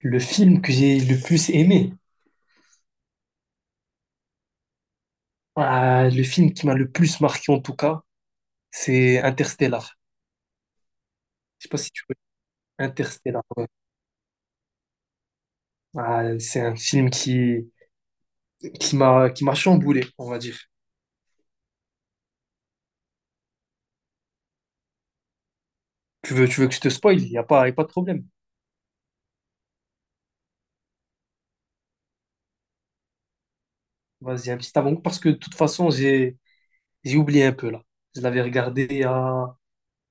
Le film que j'ai le plus aimé, ah, le film qui m'a le plus marqué en tout cas, c'est Interstellar. Je sais pas si tu connais Interstellar. Ouais. Ah, c'est un film qui qui m'a chamboulé, on va dire. Tu veux que je te spoil? Il y a pas de problème. Vas-y, un petit avant parce que de toute façon j'ai oublié un peu là. Je l'avais regardé il y a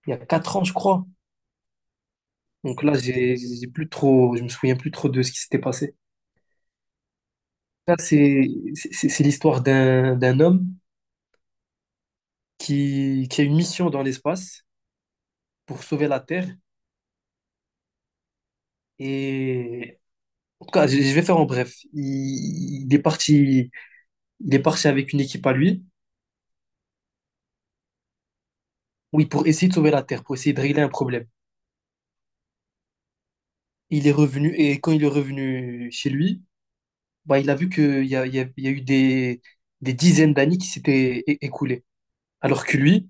il y a 4 ans je crois. Donc là j'ai plus trop, je me souviens plus trop de ce qui s'était passé. Là c'est l'histoire d'un homme qui a une mission dans l'espace pour sauver la Terre. Et en tout cas, je vais faire en bref. Il est parti, il est parti avec une équipe à lui, oui, pour essayer de sauver la Terre, pour essayer de régler un problème. Il est revenu, et quand il est revenu chez lui, il a vu qu'il y a, il y a eu des dizaines d'années qui s'étaient écoulées. Alors que lui,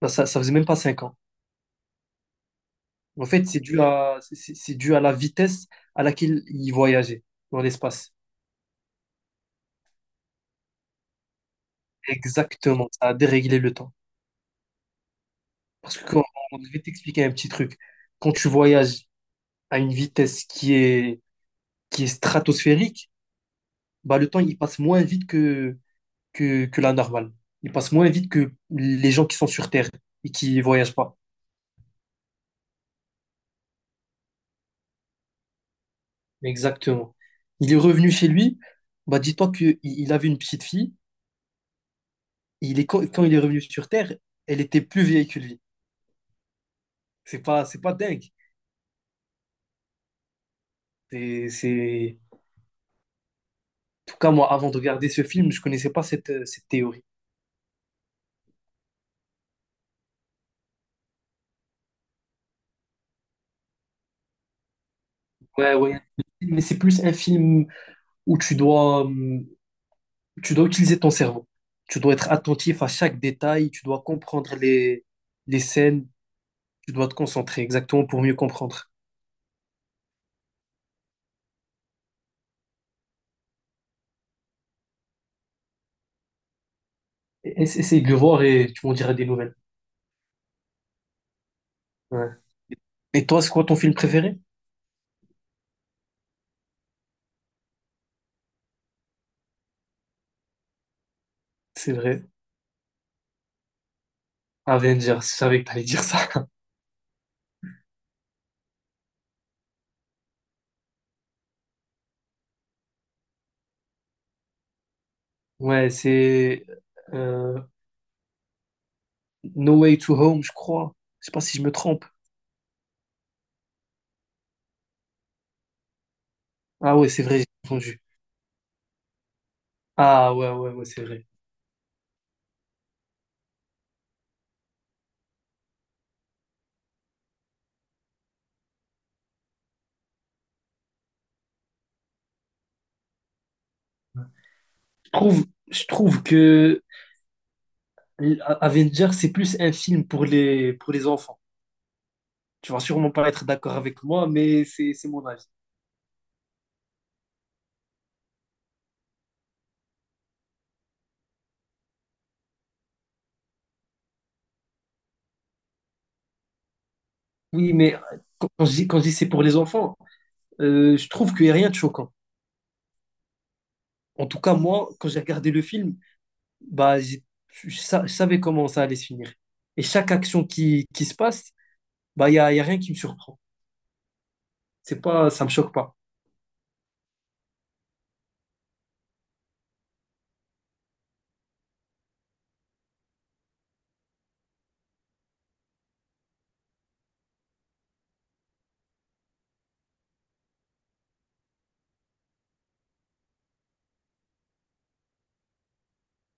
ça, ça faisait même pas 5 ans. C'est dû à, c'est dû à la vitesse à laquelle il voyageait dans l'espace. Exactement, ça a déréglé le temps. Parce que je vais t'expliquer un petit truc. Quand tu voyages à une vitesse qui est stratosphérique, bah le temps il passe moins vite que, que la normale. Il passe moins vite que les gens qui sont sur Terre et qui voyagent pas. Exactement. Il est revenu chez lui, bah dis-toi qu'il il avait une petite fille. Et il est, quand il est revenu sur Terre, elle était plus vieille que lui. C'est pas dingue. C'est... En tout cas, moi, avant de regarder ce film, je connaissais pas cette, cette théorie. Ouais, ouais. Mais c'est plus un film où tu dois utiliser ton cerveau. Tu dois être attentif à chaque détail, tu dois comprendre les scènes, tu dois te concentrer exactement pour mieux comprendre. Essaye de le voir et tu m'en diras des nouvelles. Ouais. Et toi, c'est quoi ton film préféré? C'est vrai. Avengers, je savais que t'allais dire ça. Ouais, c'est euh, No Way to Home, je crois. Je sais pas si je me trompe. Ah ouais, c'est vrai, j'ai entendu. Ah ouais, ouais, ouais, c'est vrai. Je trouve, je trouve que Avengers, c'est plus un film pour les enfants. Tu vas sûrement pas être d'accord avec moi, mais c'est mon avis. Oui, mais quand je dis c'est pour les enfants, je trouve qu'il n'y a rien de choquant. En tout cas, moi, quand j'ai regardé le film, bah, j'ai- je, je savais comment ça allait se finir. Et chaque action qui se passe, bah, il y a rien qui me surprend. C'est pas, ça me choque pas.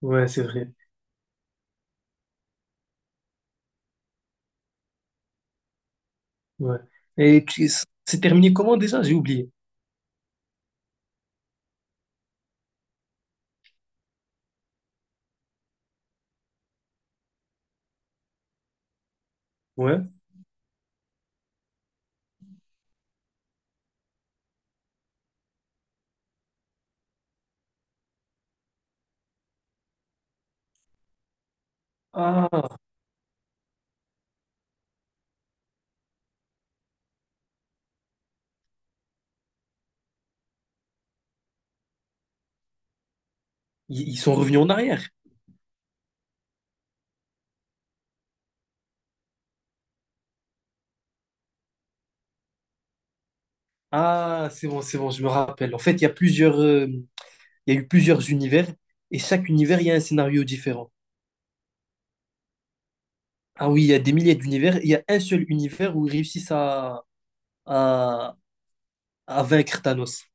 Ouais, c'est vrai. Ouais. Et c'est terminé comment déjà? J'ai oublié. Ouais. Ah, ils sont revenus en arrière. Ah, c'est bon, je me rappelle. En fait, il y a plusieurs, il y a eu plusieurs univers et chaque univers, il y a un scénario différent. Ah oui, il y a des milliers d'univers. Il y a un seul univers où ils réussissent à, à vaincre Thanos.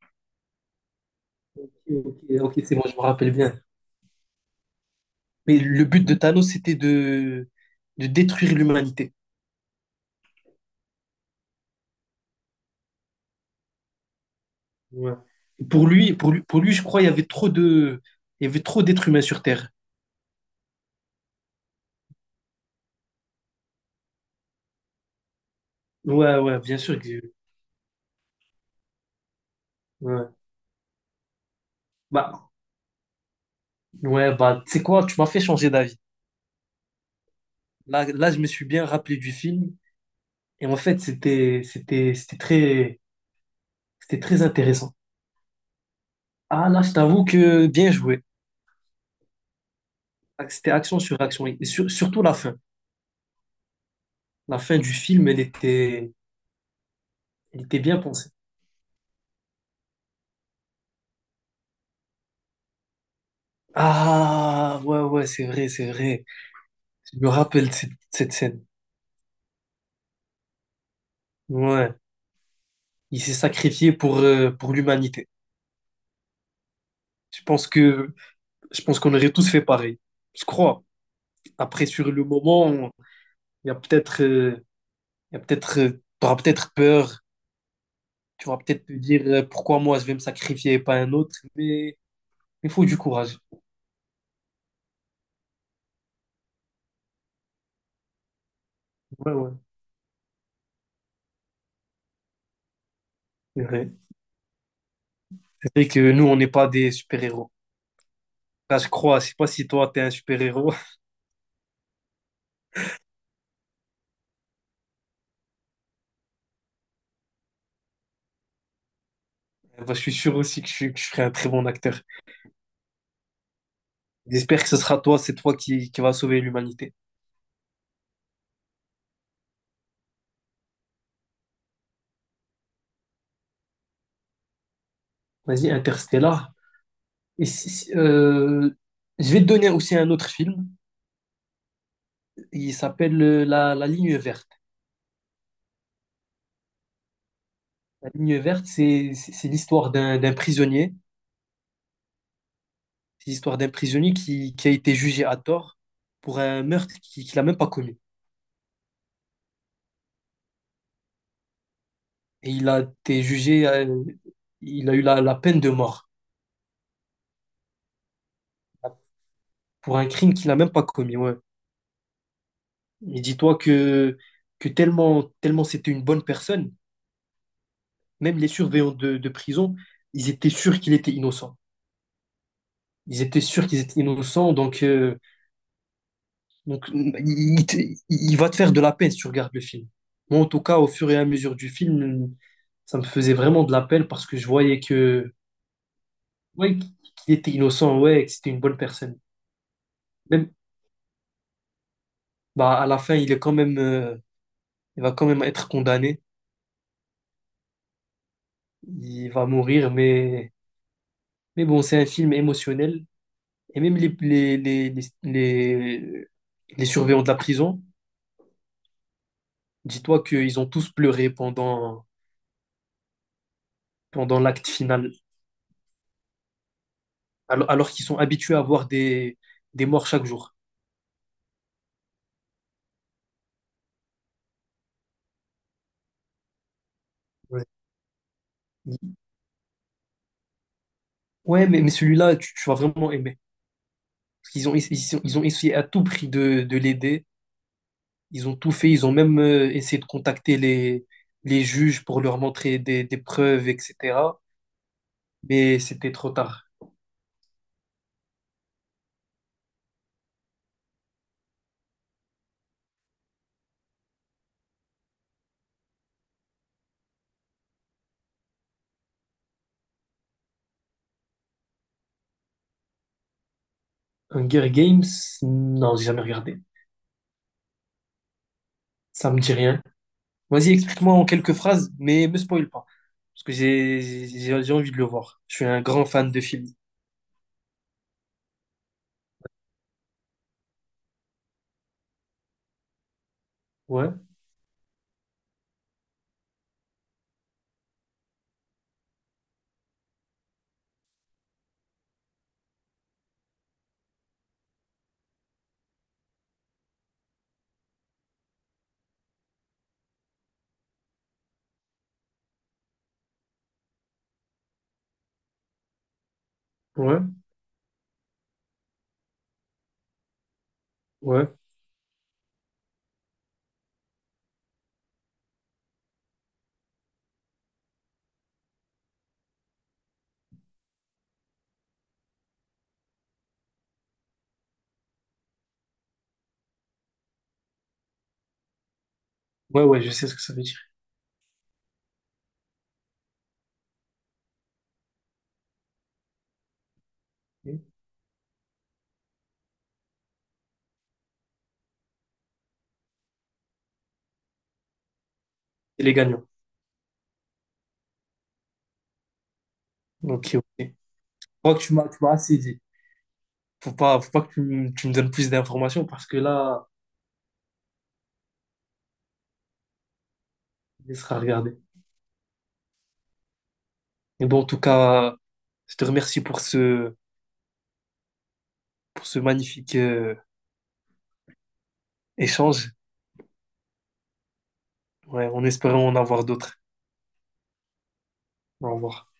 Ok, ok, c'est bon, je me rappelle bien. Mais le but de Thanos, c'était de détruire l'humanité. Ouais. Pour lui, pour lui, pour lui, je crois, il y avait trop de, il y avait trop d'êtres humains sur Terre. Ouais, ouais, bien sûr que. Ouais. Bah, ouais, bah, tu sais quoi, tu m'as fait changer d'avis. Là, là, je me suis bien rappelé du film. Et en fait, c'était, c'était, c'était très intéressant. Ah, là, je t'avoue que bien joué. C'était action sur action. Et surtout la fin. La fin du film, elle était bien pensée. Ah, ouais, ouais, c'est vrai, c'est vrai. Je me rappelle de cette, cette scène. Ouais. Il s'est sacrifié pour l'humanité. Je pense que, je pense qu'on aurait tous fait pareil. Je crois. Après, sur le moment, il y a peut-être, euh, Il y a peut-être, t'auras peut-être peur, tu vas peut-être te dire pourquoi moi je vais me sacrifier et pas un autre, mais il faut du courage. Ouais, ouais, c'est vrai. C'est vrai que nous, on n'est pas des super-héros. Là, je crois, je sais pas si toi, t'es un super-héros. Bah, je suis sûr aussi que que je serai un très bon acteur. J'espère que ce sera toi, c'est toi qui va sauver l'humanité. Vas-y, Interstellar. Et si- si- euh, je vais te donner aussi un autre film. Il s'appelle La Ligne verte. La Ligne verte, c'est l'histoire d'un prisonnier. C'est l'histoire d'un prisonnier qui a été jugé à tort pour un meurtre qu'il n'a même pas commis. Et il a été jugé, il a eu la, la peine de mort pour un crime qu'il n'a même pas commis. Ouais. Et dis-toi que tellement, tellement c'était une bonne personne, même les surveillants de prison, ils étaient sûrs qu'il était innocent. Ils étaient sûrs qu'ils étaient innocents, donc il, il va te faire de la peine si tu regardes le film. Moi, en tout cas, au fur et à mesure du film, ça me faisait vraiment de la peine parce que je voyais que ouais, qu'il était innocent, ouais, que c'était une bonne personne. Même, bah, à la fin, il est quand même, il va quand même être condamné. Il va mourir, mais bon, c'est un film émotionnel. Et même les surveillants de la prison, dis-toi qu'ils ont tous pleuré pendant, pendant l'acte final, alors qu'ils sont habitués à voir des morts chaque jour. Ouais. Ouais, mais celui-là, tu vas vraiment aimer. Parce qu'ils ont, ils ont essayé à tout prix de l'aider. Ils ont tout fait, ils ont même essayé de contacter les juges pour leur montrer des preuves, etc. Mais c'était trop tard. Hunger Games, non, j'ai jamais regardé. Ça me dit rien. Vas-y, explique-moi en quelques phrases, mais me spoil pas. Parce que j'ai envie de le voir. Je suis un grand fan de film. Ouais, ouais, ouais. Ouais, ouais, je sais ce que ça veut dire. C'est les gagnants. Ok, ok. Je crois que tu m'as assez dit. Faut pas que tu me donnes plus d'informations parce que là, il sera regardé. Mais bon, en tout cas, je te remercie pour ce magnifique échange. Ouais, en espérant en avoir d'autres. Au revoir.